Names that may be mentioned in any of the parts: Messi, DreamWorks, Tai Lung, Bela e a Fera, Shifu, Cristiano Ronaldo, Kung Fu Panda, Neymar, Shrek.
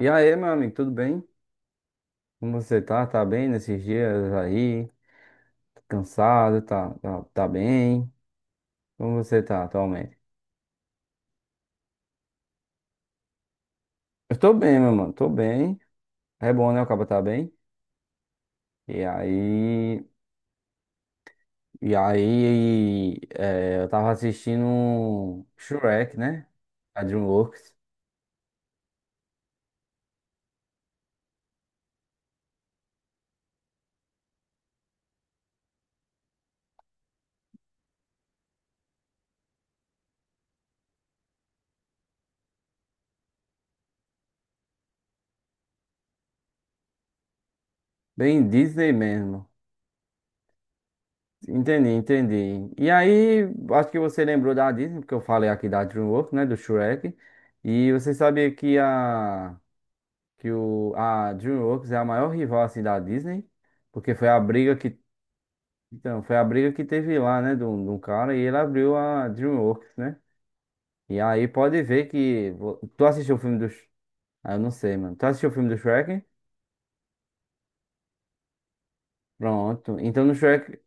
E aí, meu amigo, tudo bem? Como você tá? Tá bem nesses dias aí? Tá cansado? Tá, tá bem? Como você tá atualmente? Eu tô bem, meu mano, tô bem. É bom, né? O cabo tá bem. E aí, eu tava assistindo um Shrek, né? A DreamWorks. Bem Disney mesmo. Entendi, entendi. E aí, acho que você lembrou da Disney, porque eu falei aqui da DreamWorks, né? Do Shrek. E você sabia que a DreamWorks é a maior rival assim da Disney, porque foi a briga que então foi a briga que teve lá, né, de um cara e ele abriu a DreamWorks, né? E aí pode ver que tu assistiu o filme do ah, eu não sei, mano. Tu assistiu o filme do Shrek? Pronto. Então no Shrek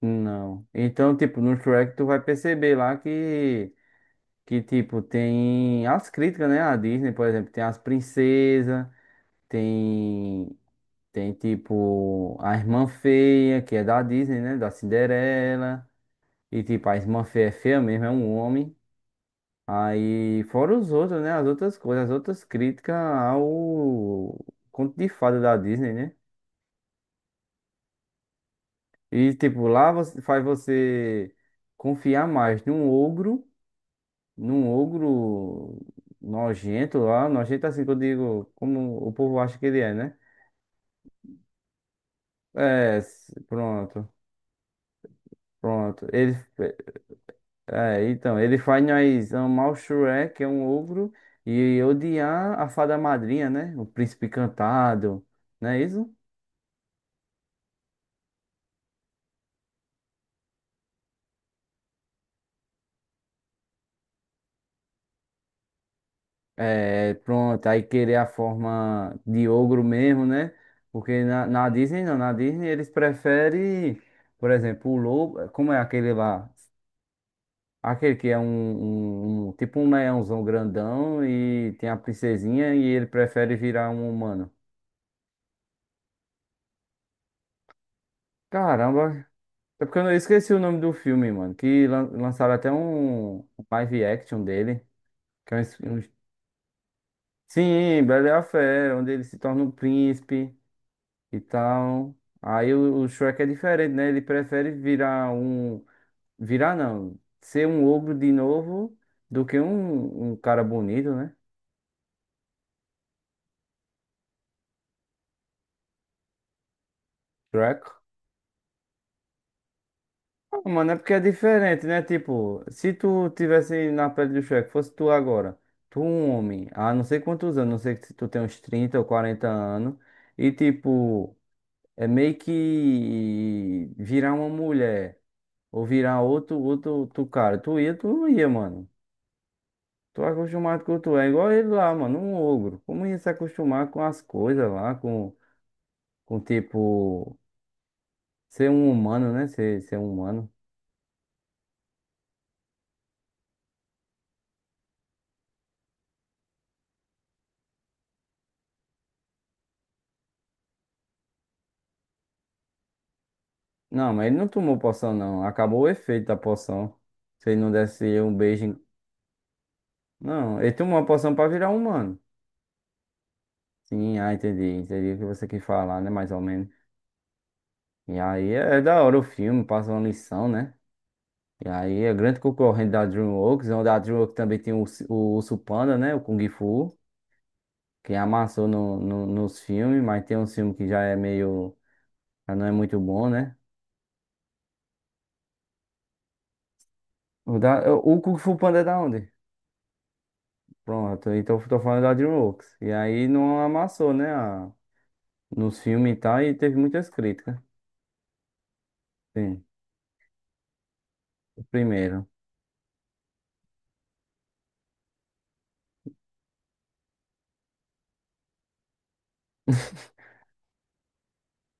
não. Então tipo no Shrek tu vai perceber lá que tipo tem as críticas, né, à Disney, por exemplo, tem as princesas, tem. Tem tipo a Irmã Feia, que é da Disney, né? Da Cinderela. E tipo, a Irmã Feia é feia mesmo, é um homem. Aí, fora os outros, né? As outras coisas, as outras críticas ao conto de fada da Disney, né? E tipo, lá você, faz você confiar mais num ogro nojento lá, nojento assim que eu digo, como o povo acha que ele é, né? É, pronto, pronto. Ele. É, então, ele faz nós amar o Shrek, que é um ogro, e odiar a fada madrinha, né? O príncipe encantado, não é isso? É, pronto, aí querer a forma de ogro mesmo, né? Porque na Disney não, na Disney eles preferem, por exemplo, o lobo, como é aquele lá? Aquele que é tipo um leãozão grandão e tem a princesinha e ele prefere virar um humano. Caramba, é porque eu não- eu esqueci o nome do filme, mano. Lançaram até um live action dele. Que é sim, Bela e a Fera, onde ele se torna um príncipe e tal. Aí o Shrek é diferente, né? Ele prefere virar um. Virar não. Ser um ogro de novo do que um cara bonito, né? Shrek. Mano, é porque é diferente, né? Tipo, se tu tivesse na pele do Shrek, fosse tu agora, tu um homem, há não sei quantos anos, não sei se tu tem uns 30 ou 40 anos, e tipo, é meio que virar uma mulher, ou virar outro, tu cara, tu ia, tu não ia, mano. Tu é acostumado com tu, é igual ele lá, mano, um ogro. Como ia se acostumar com as coisas lá, com tipo, ser um humano, né? Ser um humano. Não, mas ele não tomou poção, não. Acabou o efeito da poção. Se ele não desse um beijo. Não, ele tomou a poção pra virar humano. Sim, ah, entendi. Entendi o que você quis falar, né? Mais ou menos. E aí é, é da hora o filme, passa uma lição, né? E aí é grande concorrente da DreamWorks, onde a DreamWorks também tem o Urso Panda, né? O Kung Fu, que amassou nos filmes, mas tem um filme que já é meio. Já não é muito bom, né? O Kung Fu Panda é da onde? Pronto, então eu tô falando da DreamWorks. E aí não amassou, né? Nos filmes e tal, e teve muitas críticas. Sim, o primeiro.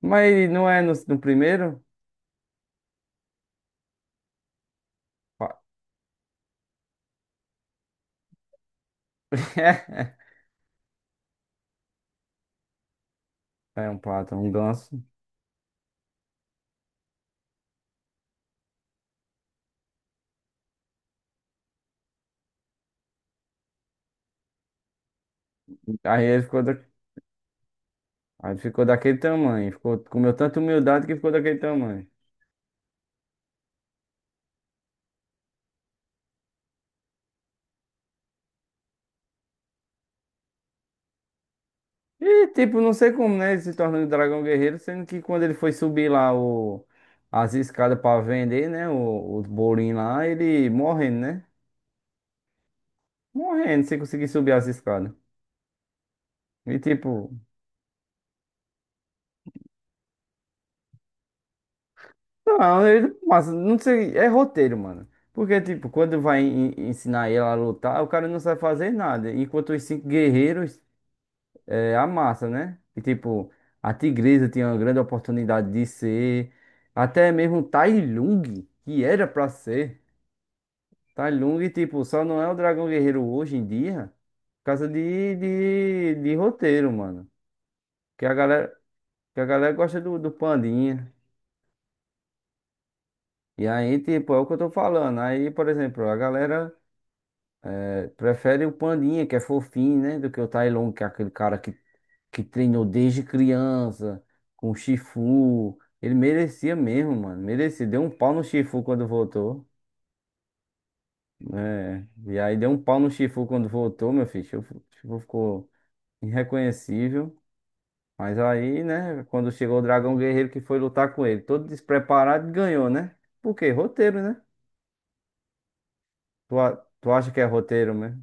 Mas não é no primeiro? Pa- É um pato, um ganso. Aí ele ficou, da, Aí ele ficou daquele tamanho. Ficou, comeu tanta humildade que ficou daquele tamanho. E tipo, não sei como, né? Ele se tornando dragão guerreiro, sendo que quando ele foi subir lá as escadas pra vender, né? Os bolinhos lá, ele morrendo, né? Morrendo sem conseguir subir as escadas. E tipo, não, ele, mas não sei, é roteiro, mano. Porque, tipo, quando vai ensinar ela a lutar, o cara não sabe fazer nada. Enquanto os cinco guerreiros é, amassa, né? E tipo, a tigresa tinha uma grande oportunidade de ser. Até mesmo o Tai Lung, que era pra ser. Tai Lung, tipo, só não é o dragão guerreiro hoje em dia. Por causa de roteiro, mano. Que a galera, que a galera gosta do pandinha. E aí, tipo, é o que eu tô falando. Aí, por exemplo, a galera prefere o Pandinha, que é fofinho, né? Do que o Tai Lung, que é aquele cara que treinou desde criança, com o Shifu. Ele merecia mesmo, mano. Merecia. Deu um pau no Shifu quando voltou, né? E aí deu um pau no Shifu quando voltou, meu filho. Shifu ficou irreconhecível. Mas aí, né, quando chegou o Dragão Guerreiro que foi lutar com ele, todo despreparado, ganhou, né? Por quê? Roteiro, né? Tu, tu acha que é roteiro, né?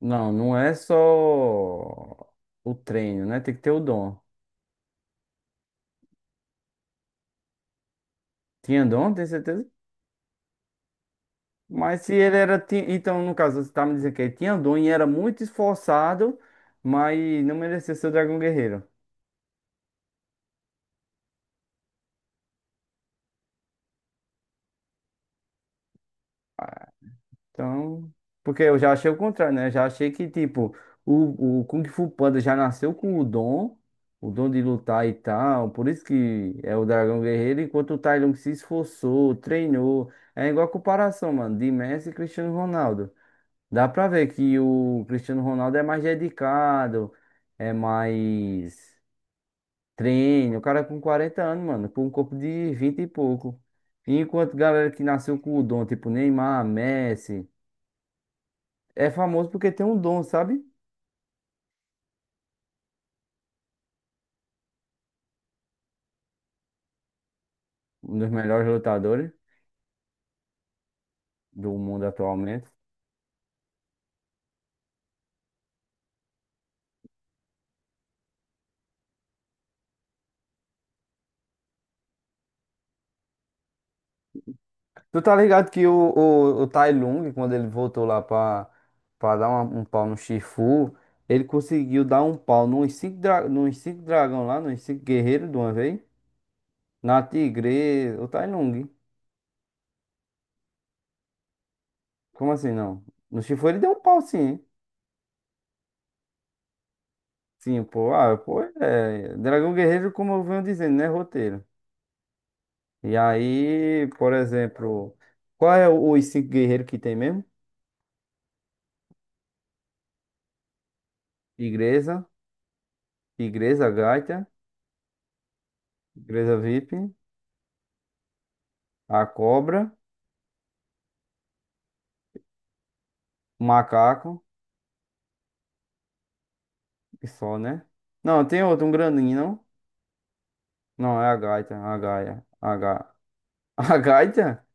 Não, não é só o treino, né? Tem que ter o dom. Tinha dom, tem certeza? Mas se ele era. Então, no caso, você tá me dizendo que ele tinha dom e era muito esforçado, mas não merecia ser o Dragão Guerreiro. Ah, então. Porque eu já achei o contrário, né? Eu já achei que, tipo, o Kung Fu Panda já nasceu com o dom de lutar e tal. Por isso que é o Dragão Guerreiro, enquanto o Tai Lung se esforçou, treinou. É igual a comparação, mano, de Messi e Cristiano Ronaldo. Dá pra ver que o Cristiano Ronaldo é mais dedicado, é mais treino. O cara com 40 anos, mano, com um corpo de 20 e pouco. Enquanto galera que nasceu com o dom, tipo Neymar, Messi, é famoso porque tem um dom, sabe? Um dos melhores lutadores do mundo atualmente. Tu tá ligado que o Tai Lung, quando ele voltou lá pra, pra dar um pau no Shifu, ele conseguiu dar um pau nos cinco, dra nos cinco dragão lá, nos cinco guerreiros de uma vez. Na Tigre, o Tai Lung. Como assim não? No Shifu ele deu um pau sim. Hein? Sim, pô. Ah, pô, é. É, Dragão Guerreiro, como eu venho dizendo, né? Roteiro. E aí, por exemplo, qual é os 5 guerreiros que tem mesmo? Igreja, Igreja Gaita, Tigresa VIP, a Cobra, o Macaco e só, né? Não, tem outro, um grandinho, não? Não, é a Gaita, a Gaia, a Ga... A Gaita?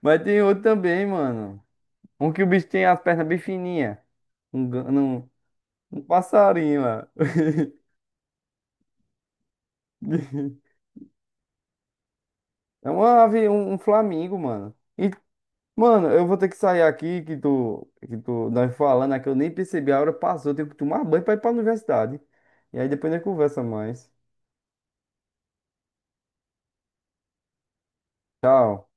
Mas tem outro também, mano. Um que o bicho tem as pernas bem fininhas. Um, gan- um, um passarinho lá. É uma ave, um flamingo, mano. E, mano, eu vou ter que sair aqui que tu, nós falando aqui, eu nem percebi, a hora passou, eu tenho que tomar banho pra ir pra universidade. E aí depois nós conversa mais. Tchau.